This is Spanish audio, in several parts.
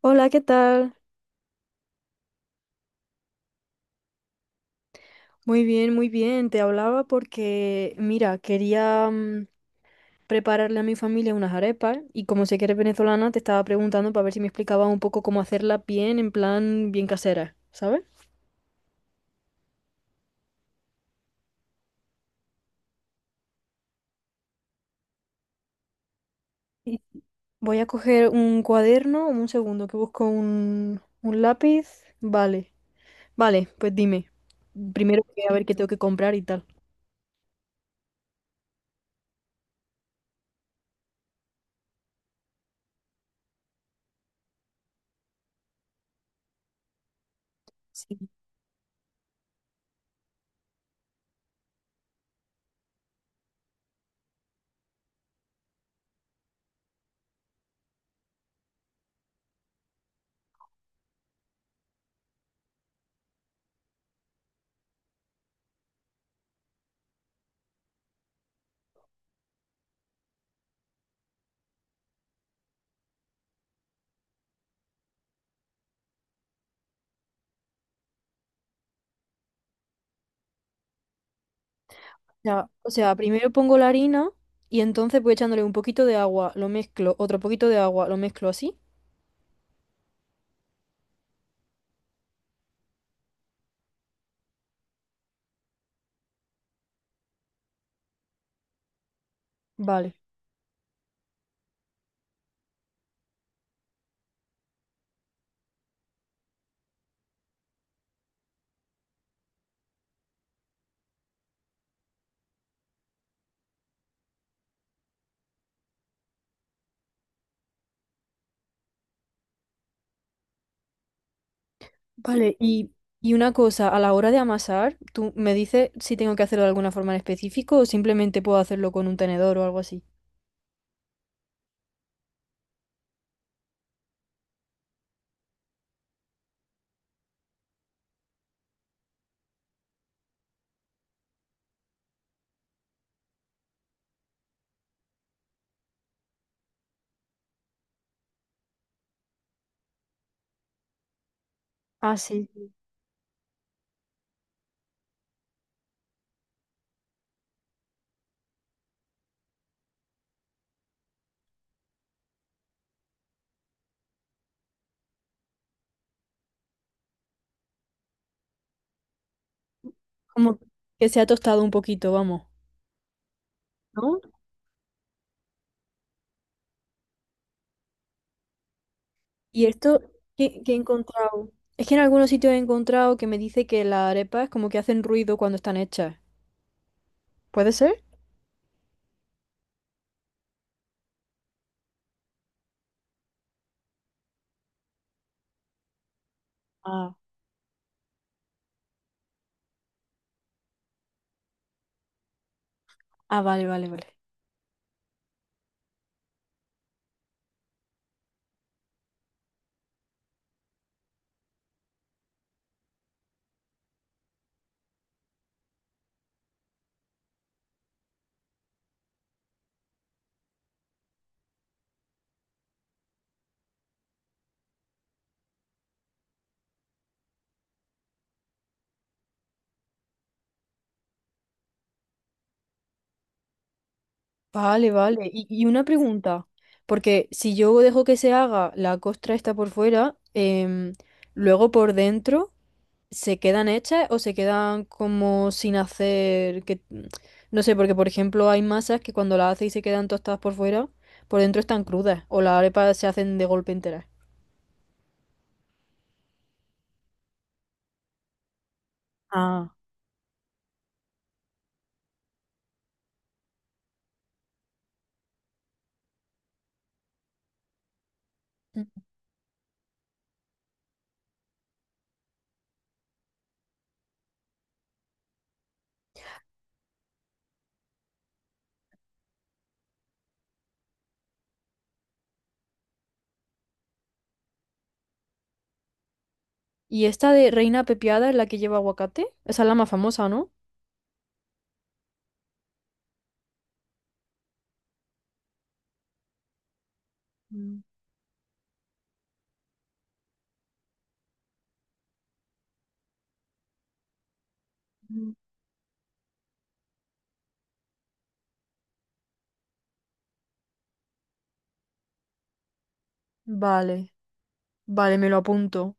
Hola, ¿qué tal? Muy bien, muy bien. Te hablaba porque, mira, quería prepararle a mi familia unas arepas y como sé que eres venezolana, te estaba preguntando para ver si me explicabas un poco cómo hacerla bien, en plan, bien casera, ¿sabes? Sí. Voy a coger un cuaderno, un segundo, que busco un lápiz. Vale, vale, pues dime. Primero voy a ver qué tengo que comprar y tal. Sí. Ya, o sea, primero pongo la harina y entonces voy echándole un poquito de agua, lo mezclo, otro poquito de agua, lo mezclo así. Vale, vale. Y una cosa, a la hora de amasar, ¿tú me dices si tengo que hacerlo de alguna forma en específico o simplemente puedo hacerlo con un tenedor o algo así? Ah, sí. Sí. Como que se ha tostado un poquito, vamos. ¿No? Y esto que he encontrado. Es que en algunos sitios he encontrado que me dice que las arepas como que hacen ruido cuando están hechas. ¿Puede ser? Ah, ah, vale, vale, vale. Vale, vale. Y una pregunta, porque si yo dejo que se haga la costra esta por fuera, luego por dentro, ¿se quedan hechas o se quedan como sin hacer que... No sé, porque por ejemplo hay masas que cuando las haces y se quedan tostadas por fuera, por dentro están crudas o las arepas se hacen de golpe enteras. Ah. Mm. Y esta de reina pepiada es la que lleva aguacate, esa es la más famosa, ¿no? Mm. Vale, vale, me lo apunto.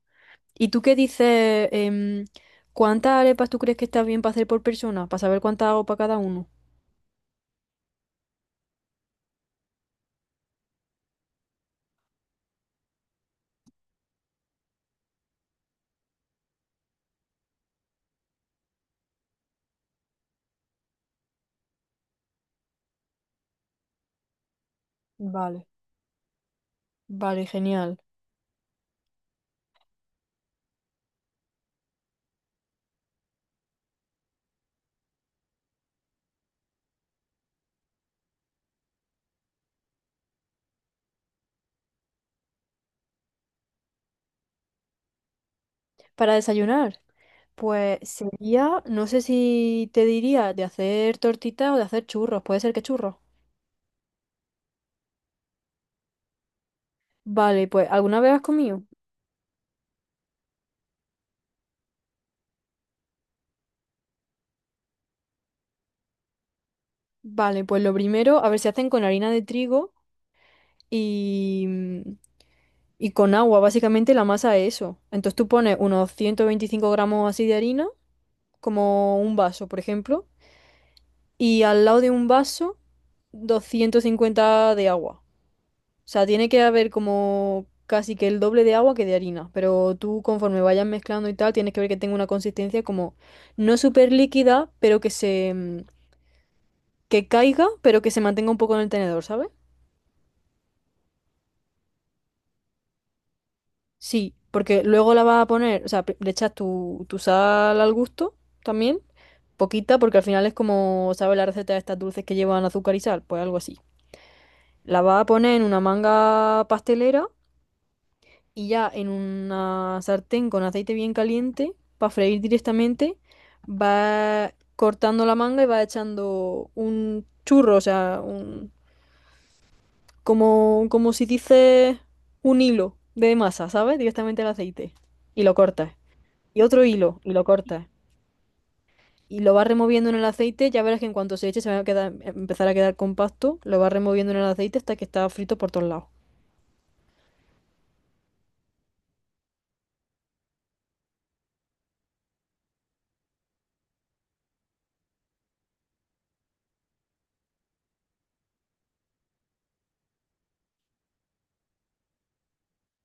¿Y tú qué dices? ¿Cuántas arepas tú crees que está bien para hacer por persona? Para saber cuántas hago para cada uno. Vale, vale, genial. ¿Para desayunar? Pues sería, no sé si te diría de hacer tortitas o de hacer churros. Puede ser que churros. Vale, pues ¿alguna vez has comido? Vale, pues lo primero, a ver si hacen con harina de trigo y, y con agua. Básicamente la masa es eso. Entonces tú pones unos 125 gramos así de harina, como un vaso, por ejemplo. Y al lado de un vaso 250 de agua. O sea, tiene que haber como casi que el doble de agua que de harina, pero tú conforme vayas mezclando y tal, tienes que ver que tenga una consistencia como no súper líquida, pero que se que caiga, pero que se mantenga un poco en el tenedor, ¿sabes? Sí, porque luego la vas a poner, o sea, le echas tu sal al gusto también, poquita, porque al final es como, ¿sabes? La receta de estas dulces que llevan azúcar y sal, pues algo así. La vas a poner en una manga pastelera y ya en una sartén con aceite bien caliente, para freír directamente, va cortando la manga y va echando un churro, o sea, un, como, como si dices un hilo de masa, ¿sabes? Directamente al aceite. Y lo cortas. Y otro hilo, y lo cortas. Y lo vas removiendo en el aceite, ya verás que en cuanto se eche se va a quedar, empezar a quedar compacto, lo vas removiendo en el aceite hasta que está frito por todos lados.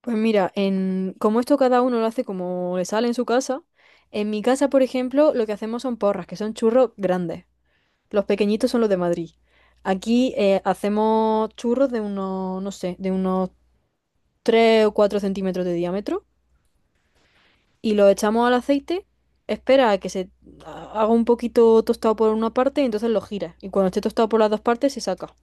Pues mira, en, como esto cada uno lo hace como le sale en su casa, en mi casa, por ejemplo, lo que hacemos son porras, que son churros grandes. Los pequeñitos son los de Madrid. Aquí hacemos churros de unos, no sé, de unos 3 o 4 centímetros de diámetro y los echamos al aceite. Espera a que se haga un poquito tostado por una parte y entonces lo giras. Y cuando esté tostado por las dos partes se saca.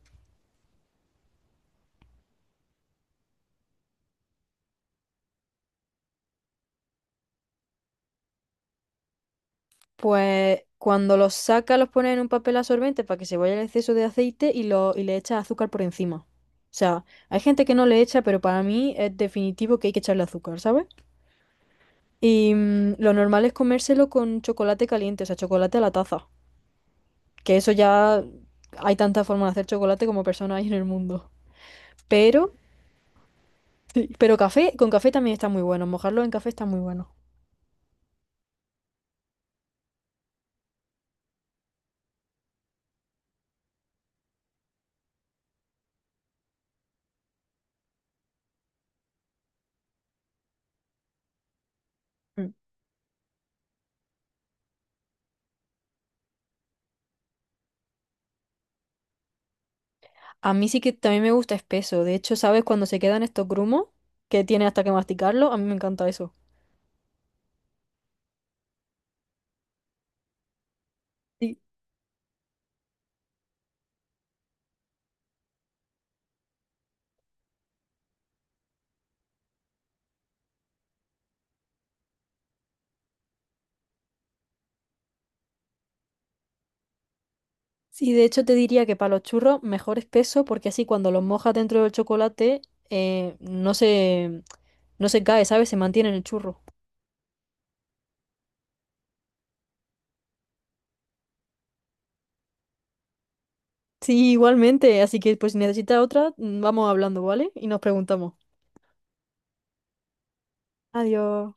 Pues cuando los sacas los pones en un papel absorbente para que se vaya el exceso de aceite y, lo, y le echas azúcar por encima. O sea, hay gente que no le echa, pero para mí es definitivo que hay que echarle azúcar, ¿sabes? Y lo normal es comérselo con chocolate caliente, o sea, chocolate a la taza. Que eso ya hay tantas formas de hacer chocolate como personas hay en el mundo. Pero, sí. Pero café, con café también está muy bueno. Mojarlo en café está muy bueno. Mm. A mí sí que también me gusta espeso. De hecho, ¿sabes cuando se quedan estos grumos? Que tiene hasta que masticarlo. A mí me encanta eso. Sí, sí, de hecho te diría que para los churros mejor espeso porque así cuando los mojas dentro del chocolate no se, no se cae, ¿sabes? Se mantiene en el churro. Sí, igualmente. Así que pues si necesitas otra, vamos hablando, ¿vale? Y nos preguntamos. Adiós.